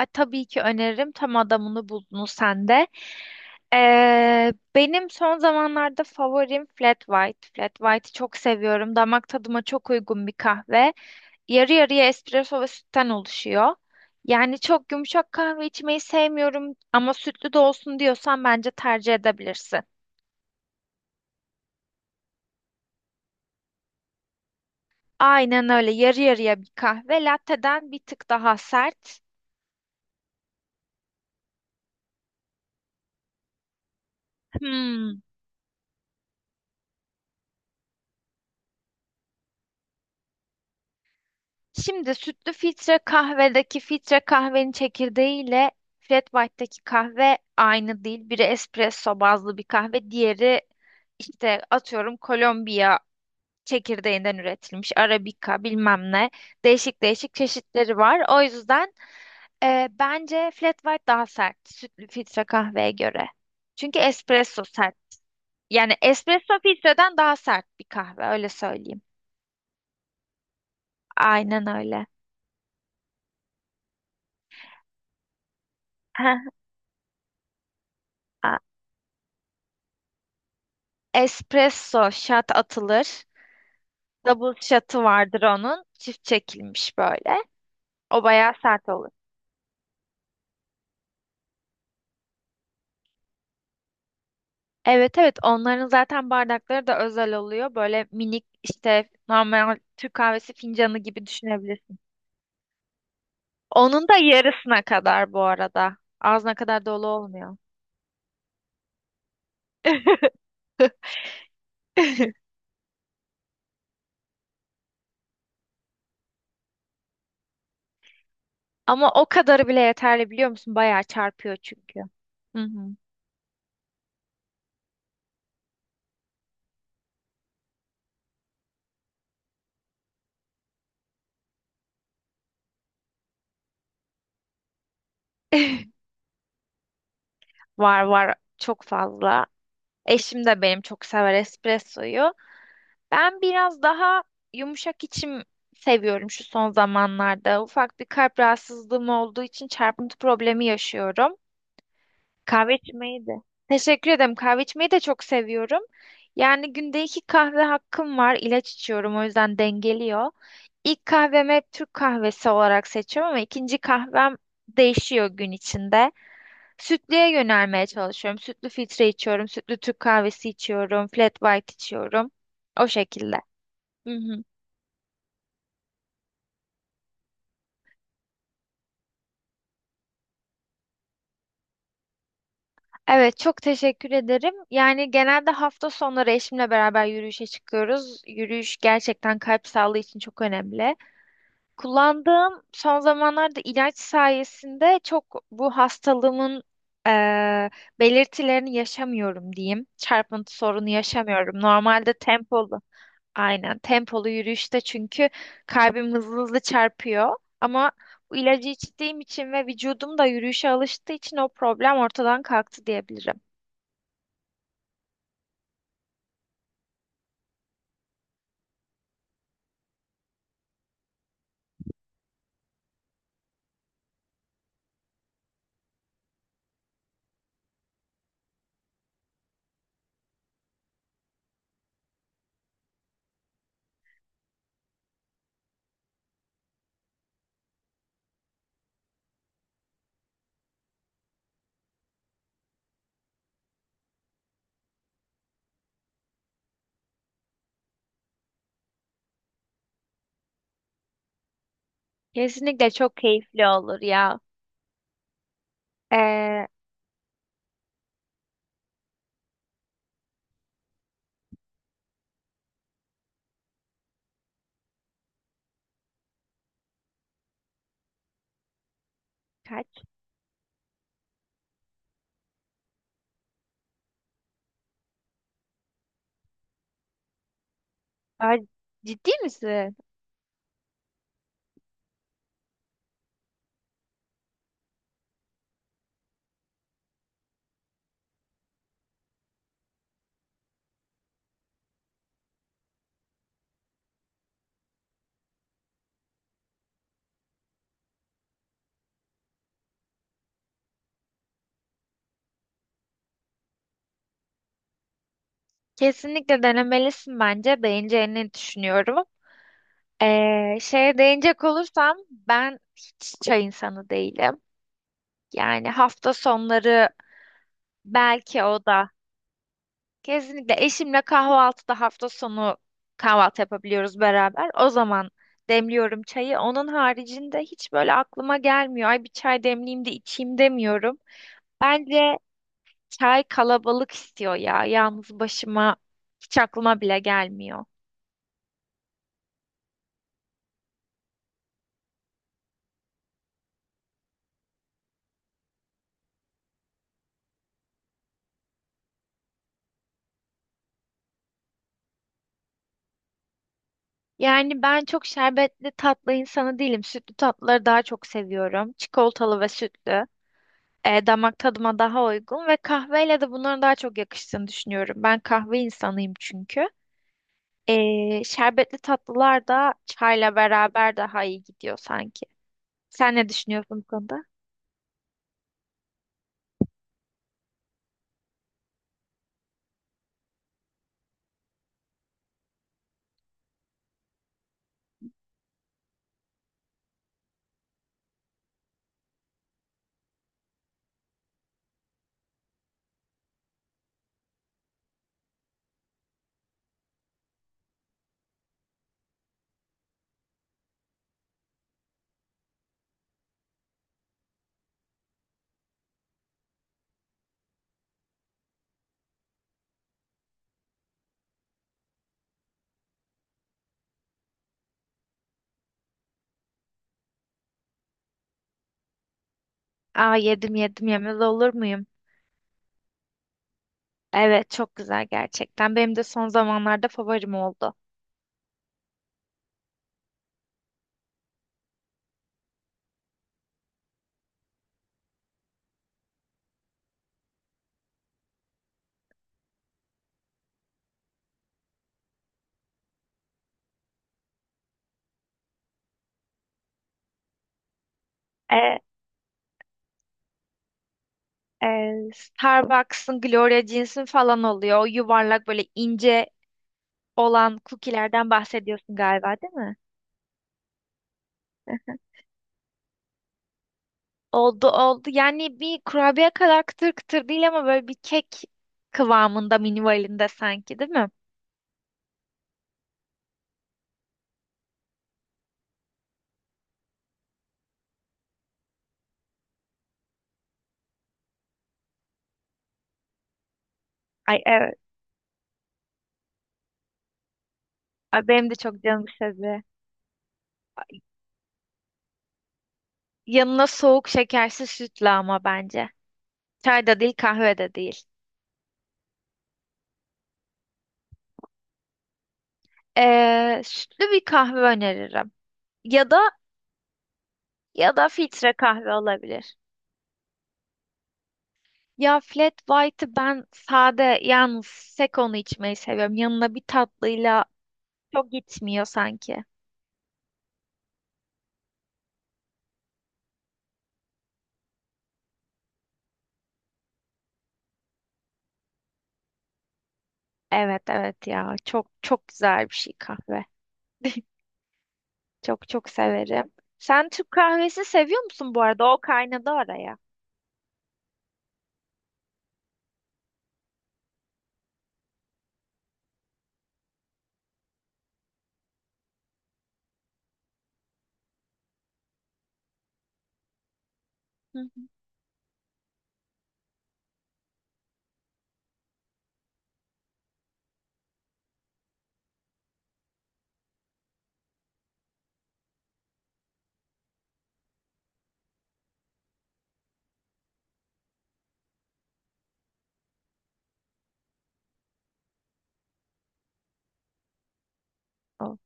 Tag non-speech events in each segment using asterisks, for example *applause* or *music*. Tabii ki öneririm. Tam adamını buldunuz sen de. Benim son zamanlarda favorim Flat White. Flat White'i çok seviyorum. Damak tadıma çok uygun bir kahve. Yarı yarıya espresso ve sütten oluşuyor. Yani çok yumuşak kahve içmeyi sevmiyorum ama sütlü de olsun diyorsan bence tercih edebilirsin. Aynen öyle. Yarı yarıya bir kahve. Latte'den bir tık daha sert. Hmm. Şimdi sütlü filtre kahvedeki filtre kahvenin çekirdeğiyle Flat White'daki kahve aynı değil. Biri espresso bazlı bir kahve, diğeri işte atıyorum Kolombiya çekirdeğinden üretilmiş Arabica bilmem ne. Değişik değişik çeşitleri var. O yüzden bence Flat White daha sert sütlü filtre kahveye göre. Çünkü espresso sert. Yani espresso filtreden daha sert bir kahve öyle söyleyeyim. Aynen öyle. *laughs* Espresso shot atılır. Double shot'ı vardır onun. Çift çekilmiş böyle. O bayağı sert olur. Evet evet, onların zaten bardakları da özel oluyor. Böyle minik işte normal Türk kahvesi fincanı gibi düşünebilirsin. Onun da yarısına kadar bu arada. Ağzına kadar dolu olmuyor. *laughs* Ama o kadarı bile yeterli biliyor musun? Bayağı çarpıyor çünkü. Hı hı. *laughs* Var var, çok fazla. Eşim de benim çok sever espressoyu. Ben biraz daha yumuşak içim seviyorum şu son zamanlarda. Ufak bir kalp rahatsızlığım olduğu için çarpıntı problemi yaşıyorum. Kahve içmeyi de. Teşekkür ederim. Kahve içmeyi de çok seviyorum. Yani günde iki kahve hakkım var. İlaç içiyorum o yüzden dengeliyor. İlk kahvemi hep Türk kahvesi olarak seçiyorum ama ikinci kahvem değişiyor gün içinde. Sütlüye yönelmeye çalışıyorum. Sütlü filtre içiyorum, sütlü Türk kahvesi içiyorum, flat white içiyorum. O şekilde. Hı hı. Evet, çok teşekkür ederim. Yani genelde hafta sonları eşimle beraber yürüyüşe çıkıyoruz. Yürüyüş gerçekten kalp sağlığı için çok önemli. Kullandığım son zamanlarda ilaç sayesinde çok bu hastalığımın eee, belirtilerini yaşamıyorum diyeyim. Çarpıntı sorunu yaşamıyorum. Normalde tempolu, aynen tempolu yürüyüşte çünkü kalbim hızlı hızlı çarpıyor. Ama bu ilacı içtiğim için ve vücudum da yürüyüşe alıştığı için o problem ortadan kalktı diyebilirim. Kesinlikle çok keyifli olur ya. Ee, Kaç? Aa, ciddi misin? Kesinlikle denemelisin bence. Beğeneceğini düşünüyorum. Şeye değinecek olursam ben hiç çay insanı değilim. Yani hafta sonları belki o da. Kesinlikle eşimle kahvaltıda hafta sonu kahvaltı yapabiliyoruz beraber. O zaman demliyorum çayı. Onun haricinde hiç böyle aklıma gelmiyor. Ay bir çay demleyeyim de içeyim demiyorum. Bence çay kalabalık istiyor ya. Yalnız başıma hiç aklıma bile gelmiyor. Yani ben çok şerbetli tatlı insanı değilim. Sütlü tatlıları daha çok seviyorum. Çikolatalı ve sütlü. E, damak tadıma daha uygun ve kahveyle de bunların daha çok yakıştığını düşünüyorum. Ben kahve insanıyım çünkü. E, şerbetli tatlılar da çayla beraber daha iyi gidiyor sanki. Sen ne düşünüyorsun bu konuda? Aa, yedim yedim, yemez olur muyum? Evet, çok güzel gerçekten. Benim de son zamanlarda favorim oldu. E, Starbucks'ın Gloria Jeans'in falan oluyor. O yuvarlak böyle ince olan cookie'lerden bahsediyorsun galiba değil mi? Oldu oldu. Yani bir kurabiye kadar kıtır kıtır değil ama böyle bir kek kıvamında minimalinde sanki değil mi? Ay evet. Ay, benim de çok canım istedi. Yanına soğuk şekersiz sütle ama bence. Çay da değil kahve de değil. Sütlü bir kahve öneririm. Ya da ya da filtre kahve olabilir. Ya flat white'ı ben sade yalnız sek onu içmeyi seviyorum. Yanına bir tatlıyla çok gitmiyor sanki. Evet evet ya, çok çok güzel bir şey kahve. Çok çok severim. Sen Türk kahvesi seviyor musun bu arada? O kaynadı araya. Hı hı. O.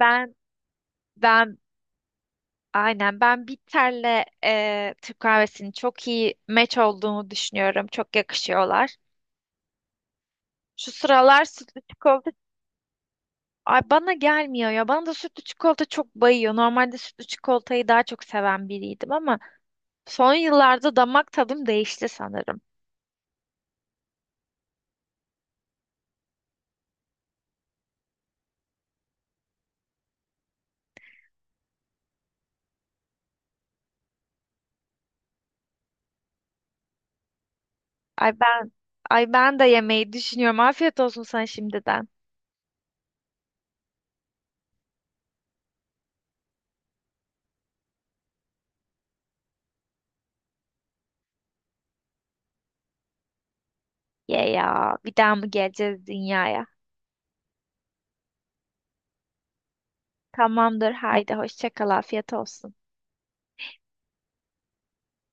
Ben ben aynen ben bitterle Türk kahvesinin çok iyi meç olduğunu düşünüyorum. Çok yakışıyorlar. Şu sıralar sütlü çikolata ay bana gelmiyor ya. Bana da sütlü çikolata çok bayıyor. Normalde sütlü çikolatayı daha çok seven biriydim ama son yıllarda damak tadım değişti sanırım. Ay ben ay, ben de yemeyi düşünüyorum. Afiyet olsun sana şimdiden. Ye ya, bir daha mı geleceğiz dünyaya? Tamamdır, haydi hoşça kal, afiyet olsun.